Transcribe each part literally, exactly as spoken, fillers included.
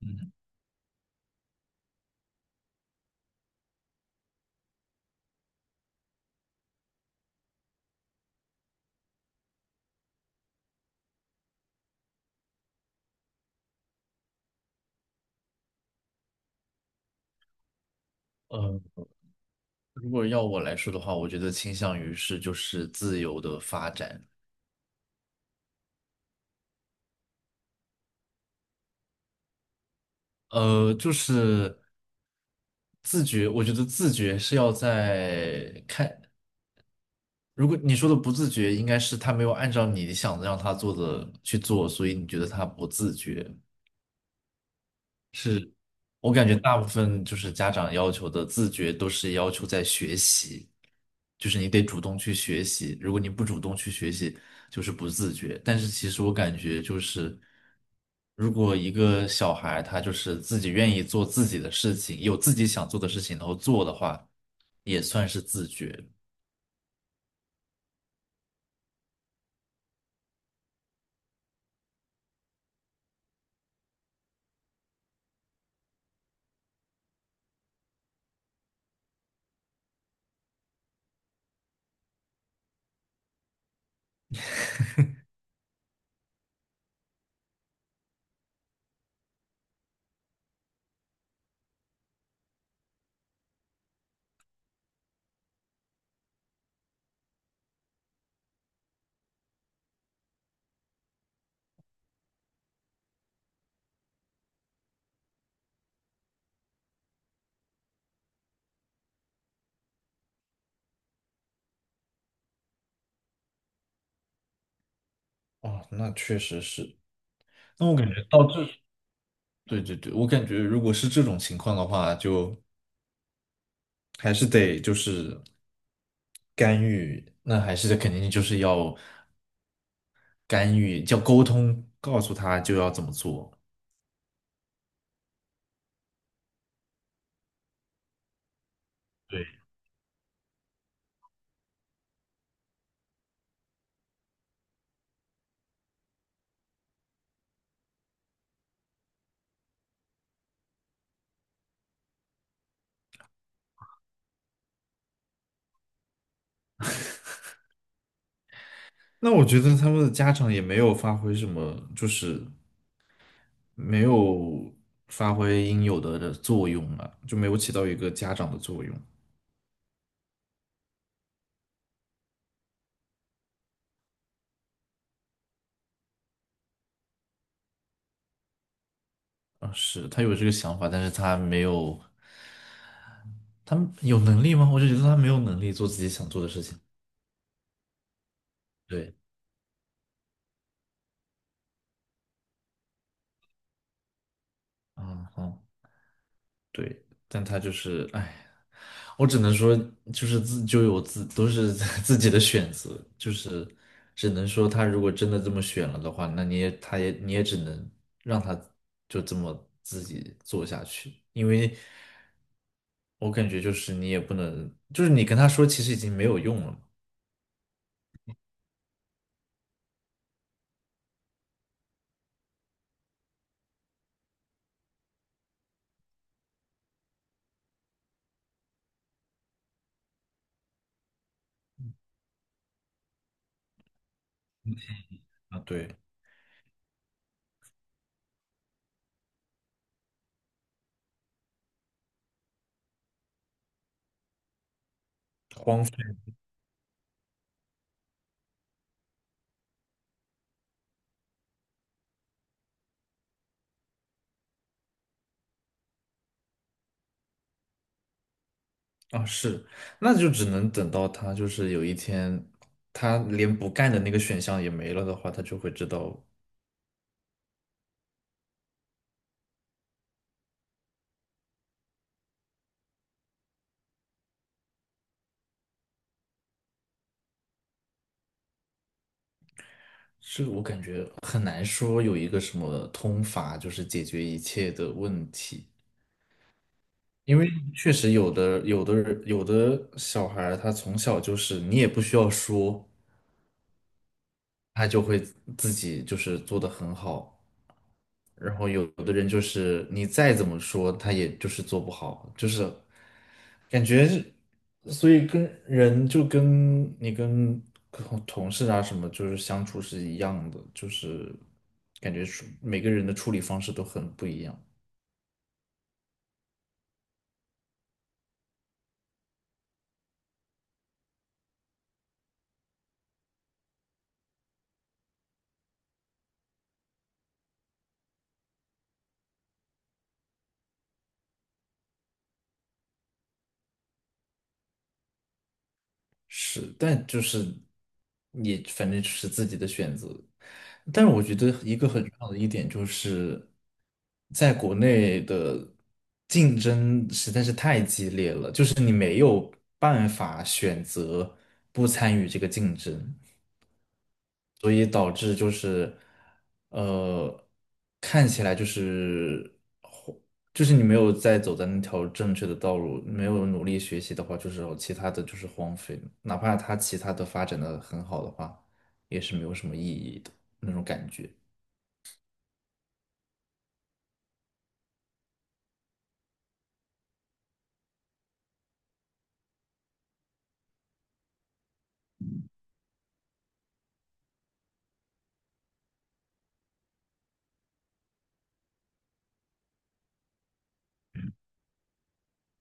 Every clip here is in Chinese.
嗯，呃，如果要我来说的话，我觉得倾向于是就是自由的发展。呃，就是自觉，我觉得自觉是要在看，如果你说的不自觉，应该是他没有按照你想让他做的去做，所以你觉得他不自觉。我感觉大部分就是家长要求的自觉都是要求在学习，就是你得主动去学习，如果你不主动去学习，就是不自觉。但是其实我感觉就是，如果一个小孩他就是自己愿意做自己的事情，有自己想做的事情，然后做的话，也算是自觉。哦，那确实是。那我感觉到这，对对对，我感觉如果是这种情况的话，就。还是得就是干预，那还是肯定就是要干预，叫沟通，告诉他就要怎么做。对，那我觉得他们的家长也没有发挥什么，就是没有发挥应有的的作用啊，就没有起到一个家长的作用啊。是，他有这个想法，但是他没有，他有能力吗？我就觉得他没有能力做自己想做的事情。对，嗯，好。对，但他就是，哎，我只能说，就是自就有自都是 自己的选择，就是只能说他如果真的这么选了的话，那你也他也你也只能让他就这么自己做下去。因为我感觉就是你也不能，就是你跟他说其实已经没有用了嘛。啊，对，荒废啊是。那就只能等到他就是有一天，他连不干的那个选项也没了的话，他就会知道。这个我感觉很难说有一个什么通法，就是解决一切的问题。因为确实有的有的人，有的小孩儿他从小就是你也不需要说，他就会自己就是做得很好。然后有的人就是你再怎么说，他也就是做不好，就是感觉是。所以跟人就跟你跟同同事啊什么，就是相处是一样的，就是感觉处每个人的处理方式都很不一样。是，但就是你反正是自己的选择。但是我觉得一个很重要的一点就是，在国内的竞争实在是太激烈了，就是你没有办法选择不参与这个竞争，所以导致就是，呃，看起来就是。就是你没有在走在那条正确的道路，没有努力学习的话，就是有其他的就是荒废的，哪怕他其他的发展的很好的话，也是没有什么意义的那种感觉。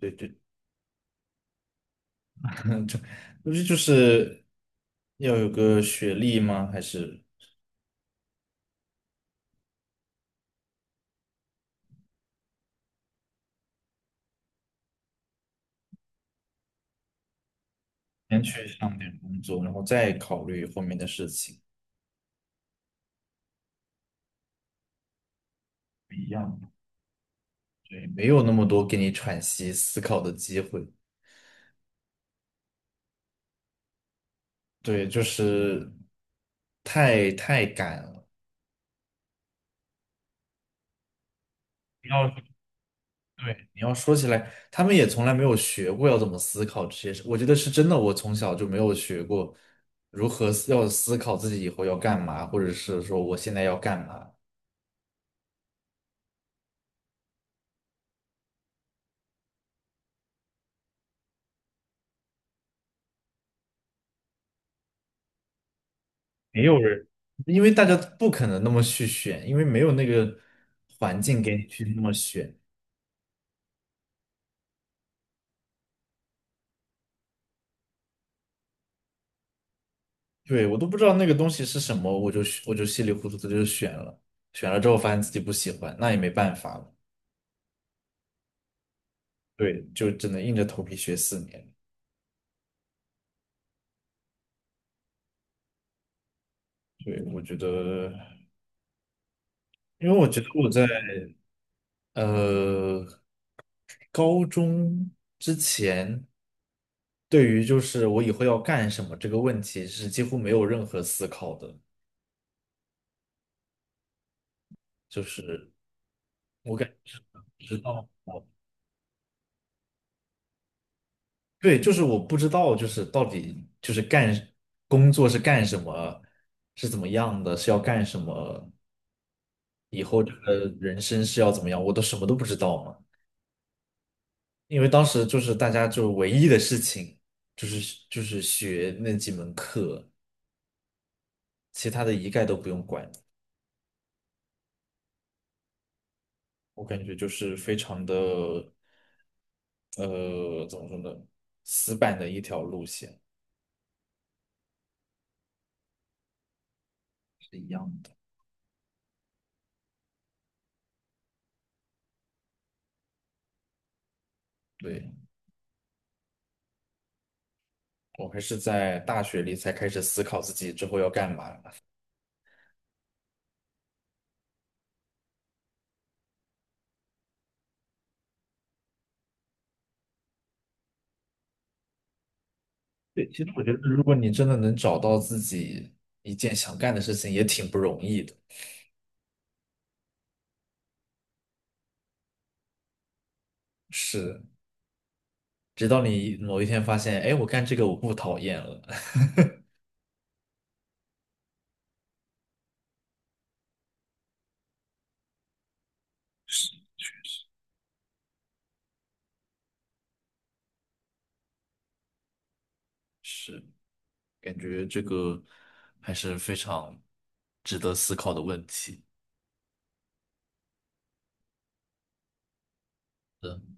对对，不是就是要有个学历吗？还是先去上点工作，然后再考虑后面的事情，不一样的。对，没有那么多给你喘息思考的机会。对，就是太太赶了。不要，对，你要说起来，他们也从来没有学过要怎么思考这些事。我觉得是真的，我从小就没有学过如何思要思考自己以后要干嘛，或者是说我现在要干嘛。没有人，因为大家不可能那么去选，因为没有那个环境给你去那么选。对，我都不知道那个东西是什么，我就我就稀里糊涂的就选了，选了之后发现自己不喜欢，那也没办法了。对，就只能硬着头皮学四年。对，我觉得，因为我觉得我在。呃，高中之前，对于就是我以后要干什么这个问题是几乎没有任何思考的，就是我感觉是不知道。我对，就是我不知道就是到底就是干工作是干什么，是怎么样的，是要干什么，以后这个人生是要怎么样，我都什么都不知道嘛。因为当时就是大家就唯一的事情就是就是学那几门课，其他的一概都不用管。我感觉就是非常的呃，怎么说呢，死板的一条路线是一样的。对，我还是在大学里才开始思考自己之后要干嘛。对，其实我觉得，如果你真的能找到自己一件想干的事情，也挺不容易的。是，直到你某一天发现，哎，我干这个我不讨厌了。是，感觉这个还是非常值得思考的问题。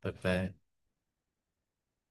拜拜。